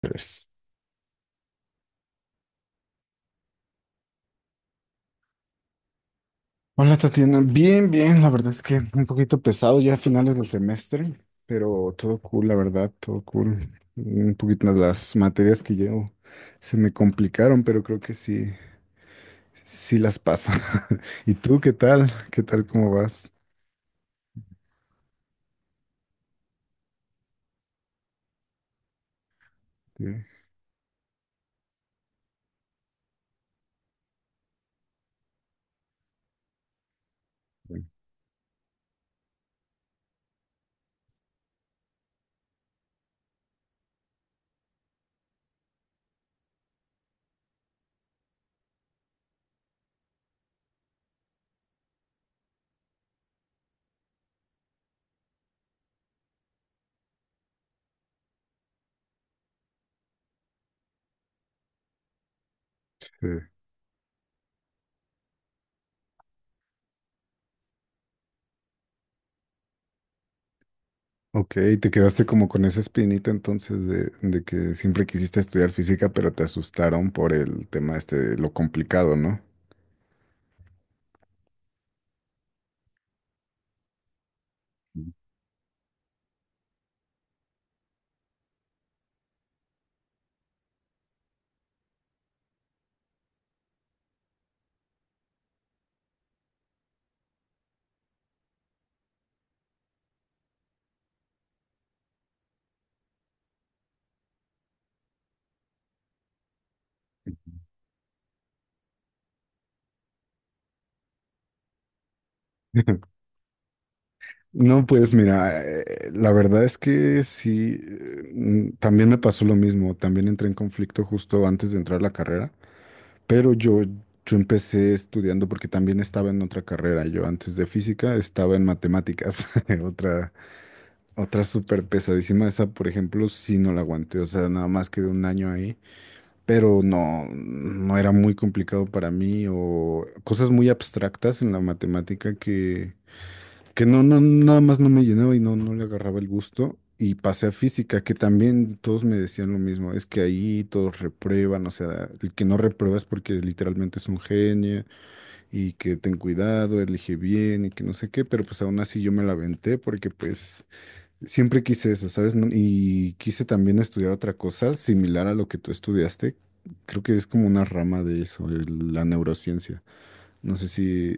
Tres. Hola Tatiana, bien, bien, la verdad es que un poquito pesado ya a finales del semestre, pero todo cool, la verdad, todo cool. Un poquito las materias que llevo se me complicaron, pero creo que sí, sí las paso. ¿Y tú qué tal? ¿Qué tal? ¿Cómo vas? Sí, bueno, sí. Ok, te quedaste como con esa espinita entonces de que siempre quisiste estudiar física, pero te asustaron por el tema este de lo complicado, ¿no? No, pues mira, la verdad es que sí, también me pasó lo mismo, también entré en conflicto justo antes de entrar a la carrera, pero yo, yo empecé estudiando porque también estaba en otra carrera, yo antes de física estaba en matemáticas, otra, otra súper pesadísima, esa por ejemplo sí no la aguanté, o sea, nada más quedé un año ahí, pero no, no era muy complicado para mí o cosas muy abstractas en la matemática que no, no, nada más no me llenaba y no, no le agarraba el gusto. Y pasé a física, que también todos me decían lo mismo, es que ahí todos reprueban, o sea, el que no reprueba es porque literalmente es un genio y que ten cuidado, elige bien y que no sé qué, pero pues aún así yo me la aventé porque pues siempre quise eso, ¿sabes? No- Y quise también estudiar otra cosa similar a lo que tú estudiaste. Creo que es como una rama de eso, el- la neurociencia. No sé si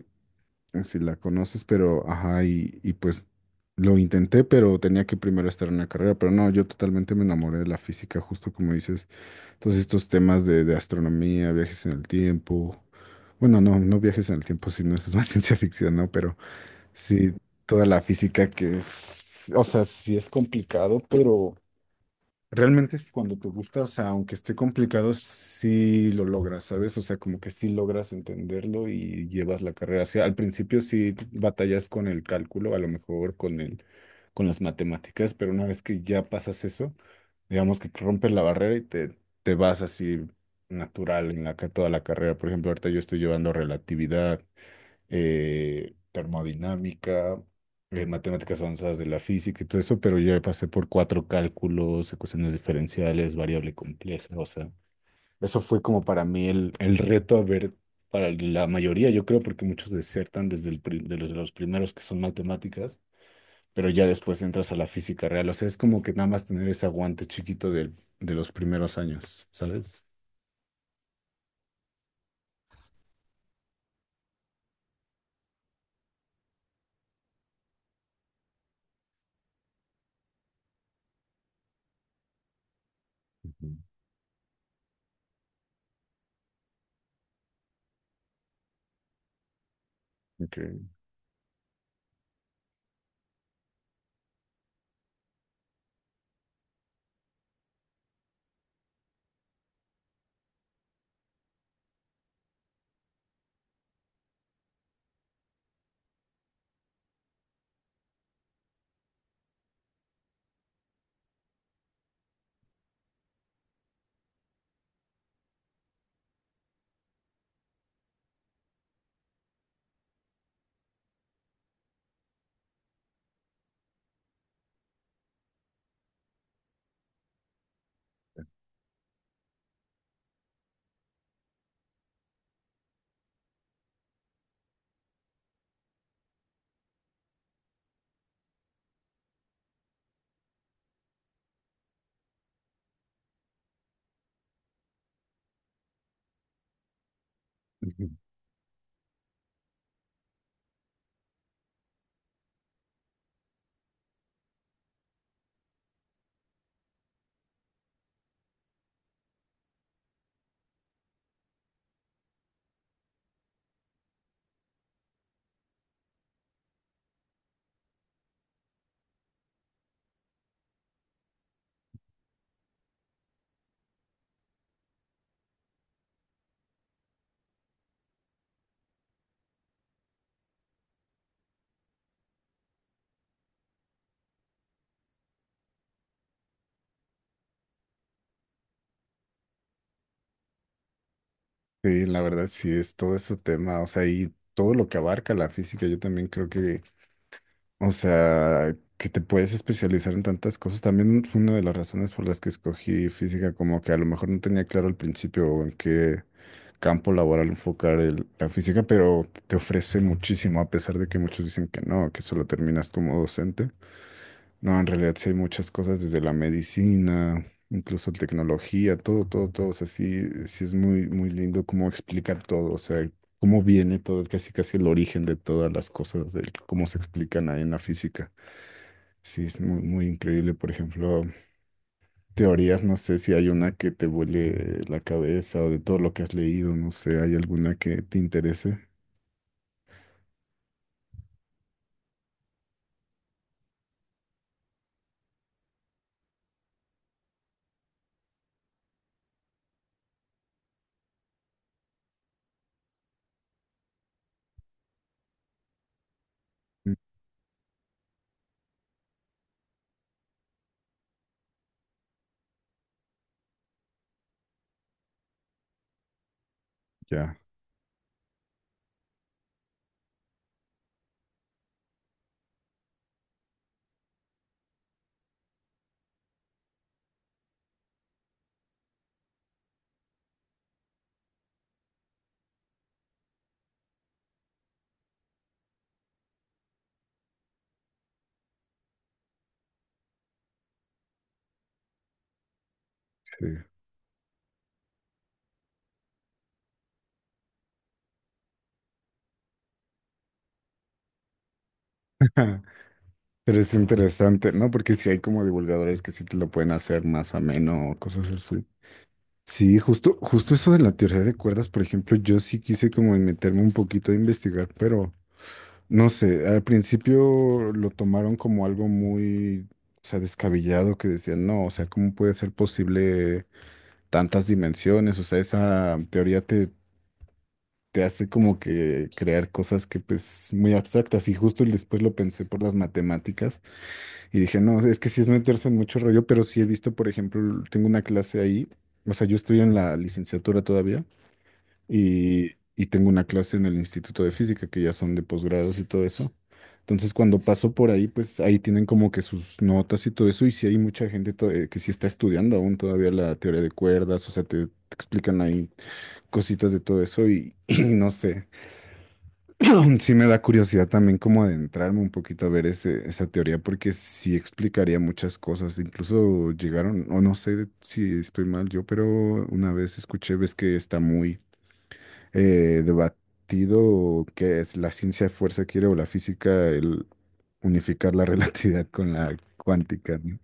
si la conoces, pero ajá, y pues lo intenté, pero tenía que primero estar en la carrera, pero no, yo totalmente me enamoré de la física, justo como dices, todos estos temas de astronomía, viajes en el tiempo, bueno, no, no viajes en el tiempo, sino eso es más ciencia ficción, ¿no? Pero sí, toda la física que es, o sea, sí es complicado, pero... Realmente es cuando te gusta, o sea, aunque esté complicado, sí lo logras, ¿sabes? O sea, como que sí logras entenderlo y llevas la carrera hacia. Al principio sí batallas con el cálculo, a lo mejor con las matemáticas, pero una vez que ya pasas eso, digamos que rompes la barrera y te vas así natural en la, ca- toda la carrera. Por ejemplo, ahorita yo estoy llevando relatividad, termodinámica, matemáticas avanzadas de la física y todo eso, pero yo ya pasé por cuatro cálculos, ecuaciones diferenciales, variable compleja, o sea, eso fue como para mí el reto a ver para la mayoría, yo creo, porque muchos desertan desde el pri- de los primeros que son matemáticas, pero ya después entras a la física real, o sea, es como que nada más tener ese aguante chiquito del- de los primeros años, ¿sabes? Ujú. Ok. Sí, la verdad sí es todo ese tema, o sea, y todo lo que abarca la física, yo también creo que o sea, que te puedes especializar en tantas cosas. También fue una de las razones por las que escogí física, como que a lo mejor no tenía claro al principio en qué campo laboral enfocar el- la física, pero te ofrece muchísimo, a pesar de que muchos dicen que no, que solo terminas como docente. No, en realidad sí hay muchas cosas, desde la medicina, incluso tecnología, todo, todo, todo. O sea, sí, sí es muy, muy lindo cómo explica todo. O sea, cómo viene todo, casi casi el origen de todas las cosas, de cómo se explican ahí en la física. Sí, es muy, muy increíble. Por ejemplo, teorías, no sé si hay una que te vuele la cabeza o de todo lo que has leído, no sé, ¿hay alguna que te interese? Mm. Ya, sí. Pero es interesante, ¿no? Porque si hay como divulgadores que sí te lo pueden hacer más ameno o cosas así. Sí, justo, justo eso de la teoría de cuerdas, por ejemplo, yo sí quise como meterme un poquito a investigar, pero no sé, al principio lo tomaron como algo muy, o sea, descabellado, que decían, no, o sea, ¿cómo puede ser posible tantas dimensiones? O sea, esa teoría te, te hace como que crear cosas que pues muy abstractas y justo después lo pensé por las matemáticas y dije, no, es que sí es meterse en mucho rollo, pero sí he visto, por ejemplo, tengo una clase ahí, o sea, yo estoy en la licenciatura todavía y tengo una clase en el Instituto de Física que ya son de posgrados y todo eso. Entonces, cuando paso por ahí, pues ahí tienen como que sus notas y todo eso. Y sí hay mucha gente que sí está estudiando aún todavía la teoría de cuerdas, o sea, te explican ahí cositas de todo eso y, y no sé. Sí me da curiosidad también como adentrarme un poquito a ver ese, esa teoría porque sí explicaría muchas cosas. Incluso llegaron, o no sé si estoy mal yo, pero una vez escuché, ves que está muy debatido qué es la ciencia fuerza quiere o la física, el unificar la relatividad con la cuántica, ¿no?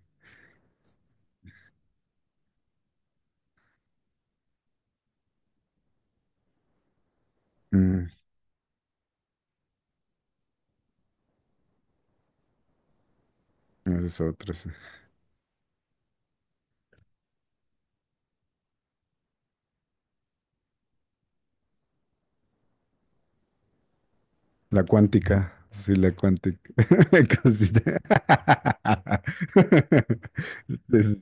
Mm, esa es otra, sí. La cuántica, sí, la cuántica. La Cosita. Es-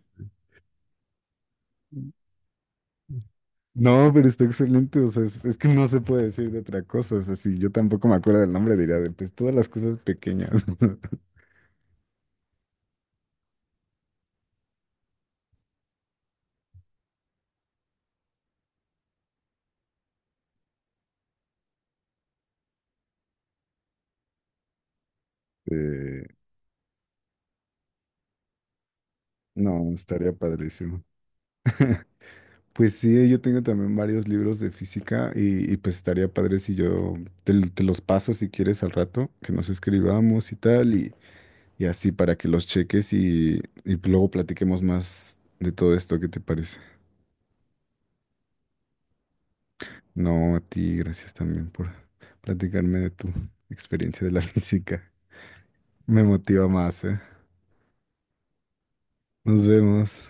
No, pero está excelente, o sea, es que no se puede decir de otra cosa, o sea, si yo tampoco me acuerdo del nombre, diría de pues todas las cosas pequeñas. Eh, no, estaría padrísimo. Pues sí, yo tengo también varios libros de física y pues estaría padre si yo te, l- te los paso si quieres al rato, que nos escribamos y tal, y así para que los cheques y luego platiquemos más de todo esto, ¿qué te parece? No, a ti, gracias también por platicarme de tu experiencia de la física. Me motiva más, ¿eh? Nos vemos.